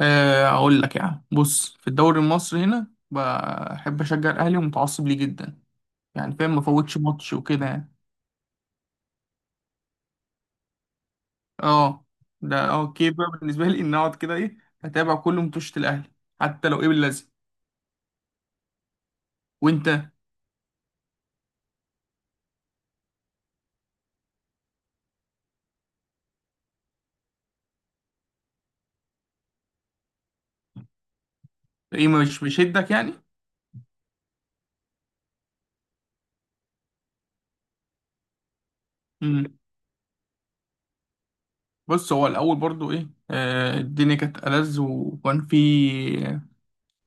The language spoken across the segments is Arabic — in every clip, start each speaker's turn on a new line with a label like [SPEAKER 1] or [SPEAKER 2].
[SPEAKER 1] آه، اقول لك يعني بص في الدوري المصري هنا بحب اشجع الاهلي ومتعصب ليه جدا. يعني فاهم، ما فوتش ماتش وكده يعني. اه، ده اوكي بقى بالنسبه لي ان اقعد كده ايه، اتابع كل ماتشات الاهلي حتى لو ايه باللازم. وانت؟ ايه، مش بيشدك يعني؟ امم بص، هو الاول برضو ايه، آه، الدنيا كانت ألذ، وكان في،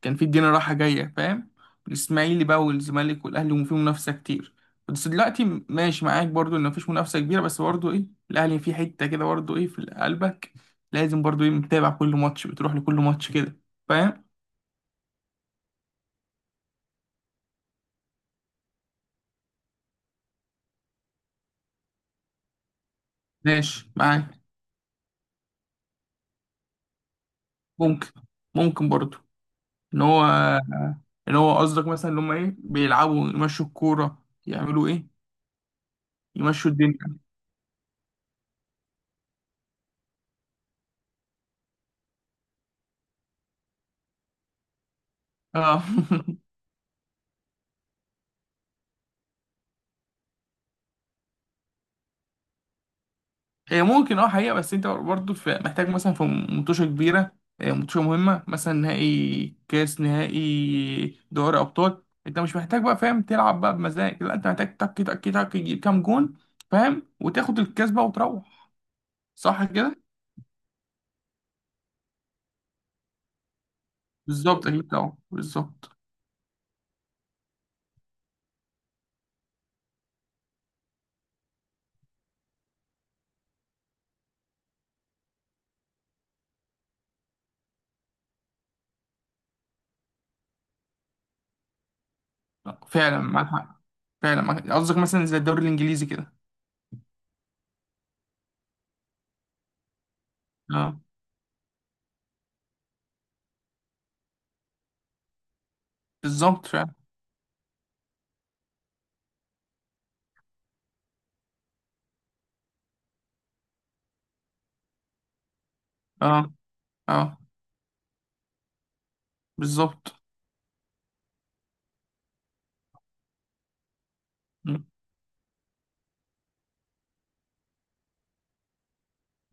[SPEAKER 1] كان في الدنيا رايحة جاية فاهم. الإسماعيلي بقى والزمالك والأهلي، وفي منافسة كتير. بس دلوقتي ماشي معاك برضو إن مفيش منافسة كبيرة، بس برضو إيه، الأهلي في حتة كده برضو إيه في قلبك، لازم برضو إيه متابع كل ماتش، بتروح لكل ماتش كده فاهم. ماشي معاك. ممكن ممكن برضو إن هو، إن هو قصدك مثلا إن هما إيه بيلعبوا، يمشوا الكورة، يعملوا إيه، يمشوا الدنيا. آه. هي ممكن اه حقيقة، بس انت برضه محتاج مثلا في مطوشة كبيرة، آه، مطوشة مهمة، مثلا نهائي كاس، نهائي دوري أبطال، انت مش محتاج بقى فاهم تلعب بقى بمزاج، لا، انت محتاج تك تك تك تجيب كام جون فاهم، وتاخد الكاس بقى وتروح. صح كده؟ بالظبط، اكيد طبعا، بالظبط. لا، فعلا معاك حق، فعلا معاك حق. قصدك مثلا زي الدوري الإنجليزي كده. اه، بالظبط فعلا. اه. اه، بالظبط.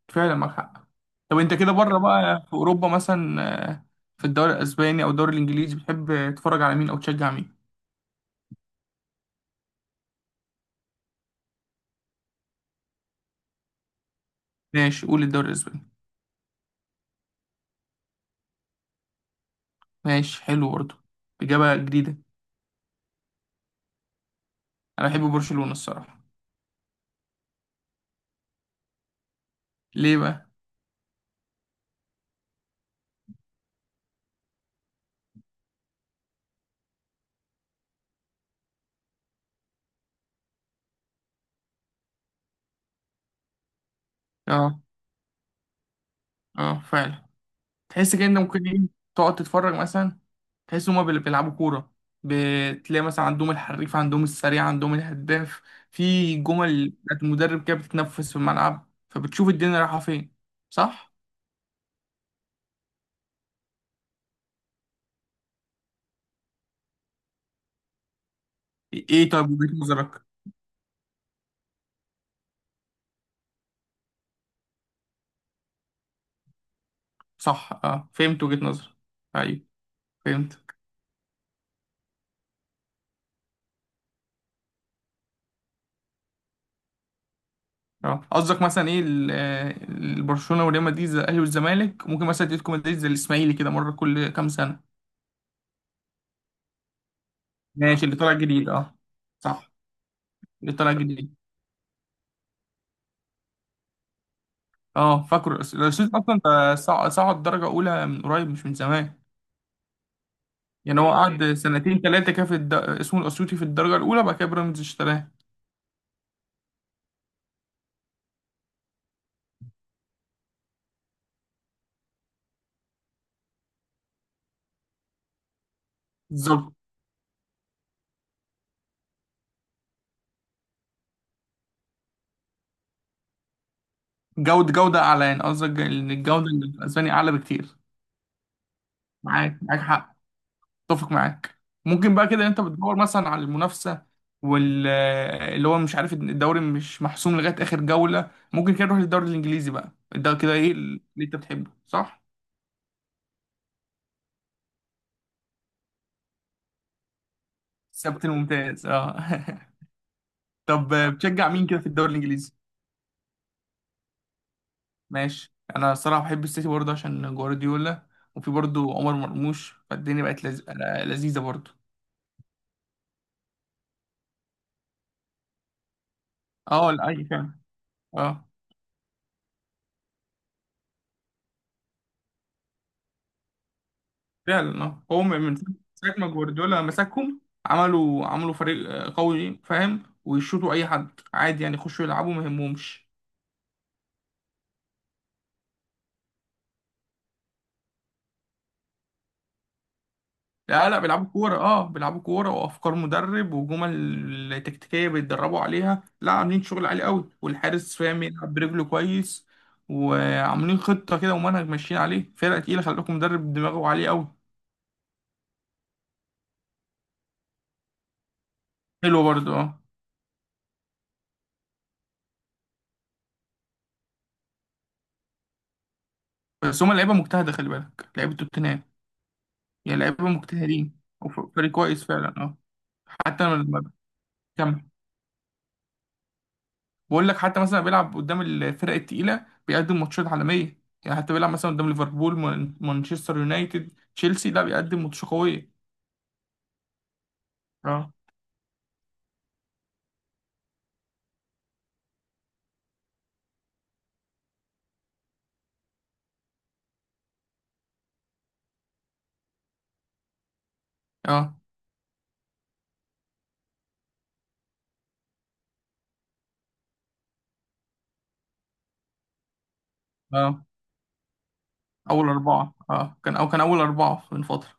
[SPEAKER 1] فعلا معاك حق. طب انت كده بره بقى في اوروبا مثلا، آه، في الدوري الاسباني او الدوري الانجليزي بتحب تتفرج على مين او تشجع مين؟ ماشي، قول الدوري الاسباني. ماشي، حلو برضه، اجابه جديده. انا بحب برشلونه الصراحه. ليه بقى؟ اه. اه فعلا. تحس كده انت ممكن ايه تقعد تتفرج مثلا، تحس هما بيلعبوا كوره. بتلاقي مثلا عندهم الحريف، عندهم السريع، عندهم الهداف، في جمل بتاعت المدرب كده بتتنفس في الملعب، فبتشوف الدنيا رايحه فين. صح؟ ايه، إيه طيب وجهة نظرك؟ صح اه، فهمت وجهة نظرك. ايوه فهمت. اه، قصدك مثلا ايه برشلونه وريال مدريد زي الاهلي والزمالك، ممكن مثلا اتلتيكو مدريد زي الاسماعيلي كده، مره كل كام سنه. ماشي، اللي طالع جديد اه. صح، اللي طالع جديد. اه فاكره الاسيس اصلا، ده صعد درجه اولى من قريب مش من زمان. يعني هو قعد سنتين ثلاثه كده في الد... اسمه الاسيوطي في الدرجه الاولى، بعد كده بيراميدز اشتراه. بالظبط. جوده، جوده اعلى، يعني قصدك ان الجوده الاسباني اعلى بكتير. معاك، معاك حق، اتفق معاك. ممكن بقى كده انت بتدور مثلا على المنافسه وال اللي هو مش عارف الدوري مش محسوم لغايه اخر جوله. ممكن كده نروح للدوري الانجليزي بقى، ده كده ايه اللي انت بتحبه، صح؟ السبت الممتاز اه. طب بتشجع مين كده في الدوري الانجليزي؟ ماشي، انا الصراحه بحب السيتي برضه عشان جوارديولا، وفي برضه عمر مرموش، فالدنيا بقت لذيذه برضه. اه لا، اي فعلا. اه فعلا. اه، هو من ساعة ما جوارديولا مسكهم، عملوا فريق آه، قوي فاهم، ويشوطوا أي حد عادي يعني، يخشوا يلعبوا ما يهمهمش. لا لا، بيلعبوا كورة، اه، بيلعبوا كورة وأفكار مدرب وجمل تكتيكية بيتدربوا عليها. لا، عاملين شغل عالي قوي، والحارس فاهم يلعب برجله كويس. وعاملين خطة كده ومنهج ماشيين عليه، فرقة تقيلة، خلي بالكم مدرب دماغه عالي قوي. حلو برضه اه. بس هما لعيبة مجتهدة، خلي بالك لعيبة توتنهام، يعني لعيبة مجتهدين وفريق كويس فعلا اه. حتى، كمل. بقول لك حتى مثلا بيلعب قدام الفرق التقيلة، بيقدم ماتشات عالمية يعني، حتى بيلعب مثلا قدام ليفربول، مانشستر يونايتد، تشيلسي، لا بيقدم ماتش قوية. اه. اه. اه، اول اربعة اه كان، او كان اول اربعة من فترة.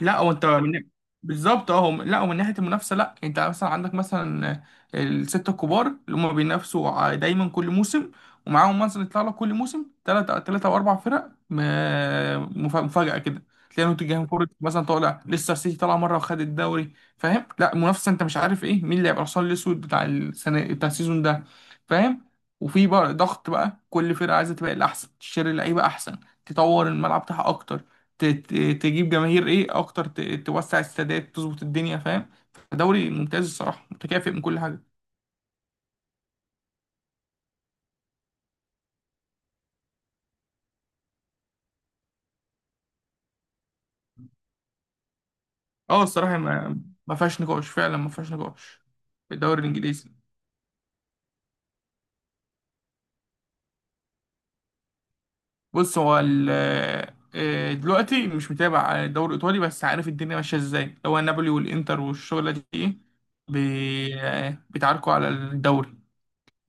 [SPEAKER 1] لا هو انت من، بالظبط اهو. لا، ومن ناحيه المنافسه، لا انت مثلا عندك مثلا السته الكبار اللي هم بينافسوا دايما كل موسم، ومعاهم مثلا يطلع لك كل موسم ثلاثه ثلاثه او اربع فرق مفاجاه كده. تلاقي نوتنجهام فورست مثلا طالع لسه، السيتي طالع مره وخد الدوري فاهم، لا منافسه، انت مش عارف ايه مين اللي هيبقى الحصان الاسود بتاع السنه بتاع السيزون ده فاهم. وفي بقى ضغط بقى، كل فرقه عايزه تبقى الاحسن، تشتري لعيبه احسن، تطور الملعب بتاعها اكتر، تجيب جماهير ايه اكتر، توسع السادات، تظبط الدنيا فاهم. دوري ممتاز الصراحه، متكافئ من كل حاجه. اه الصراحه، ما فيهاش نقاش، فعلا ما فيهاش نقاش، في الدوري الانجليزي. بص هو آه، دلوقتي مش متابع الدوري الايطالي، بس عارف الدنيا ماشيه ازاي، هو نابولي والانتر والشغله دي ايه. آه، بيتعاركوا على الدوري.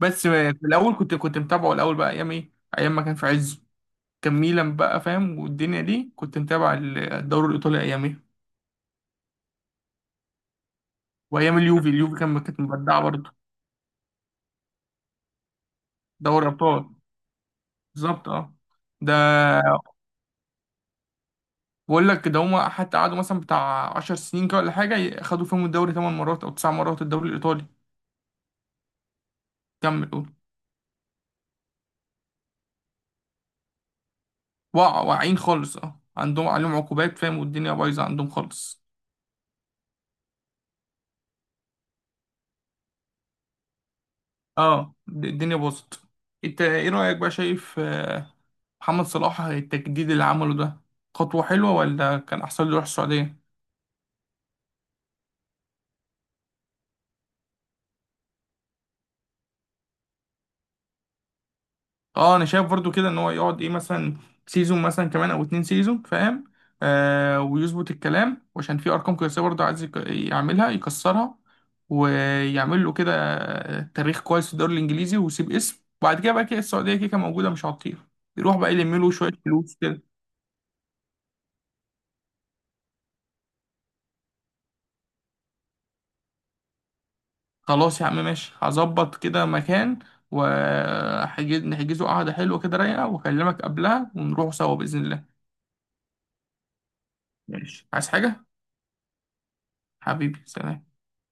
[SPEAKER 1] بس آه، في الاول كنت متابعه الاول بقى، ايام ايه، ايام ما كان في عزه، كان ميلان بقى فاهم، والدنيا دي كنت متابع الدوري الايطالي ايام إيه؟ وايام اليوفي، اليوفي كانت مبدعه برضه. دوري ابطال، بالظبط اه. ده، بقول لك ده هما حتى قعدوا مثلا بتاع 10 سنين كده ولا حاجه خدوا فيهم الدوري 8 مرات او 9 مرات، الدوري الايطالي. كمل قول. وقع، واقعين خالص اه، عندهم عليهم عقوبات فاهم، والدنيا بايظه عندهم خالص. اه، الدنيا باظت. انت ايه رايك بقى، شايف آه، محمد صلاح التجديد اللي عمله ده خطوه حلوه، ولا كان احسن له يروح السعوديه؟ اه انا شايف برضو كده ان هو يقعد ايه مثلا سيزون مثلا كمان او اتنين سيزون فاهم، آه ويظبط الكلام، وعشان في ارقام قياسيه برضو عايز يعملها يكسرها، ويعمل له كده آه، تاريخ كويس في الدوري الانجليزي، ويسيب اسم. وبعد كده بقى، كده السعوديه كده كده موجوده مش هتطير، يروح بقى يلم له شويه فلوس كده. خلاص يا عم، ماشي، هظبط كده مكان وهحجز، نحجزه قعده حلوه كده رايقه، واكلمك قبلها ونروح سوا باذن الله. ماشي، عايز حاجه؟ حبيبي سلام.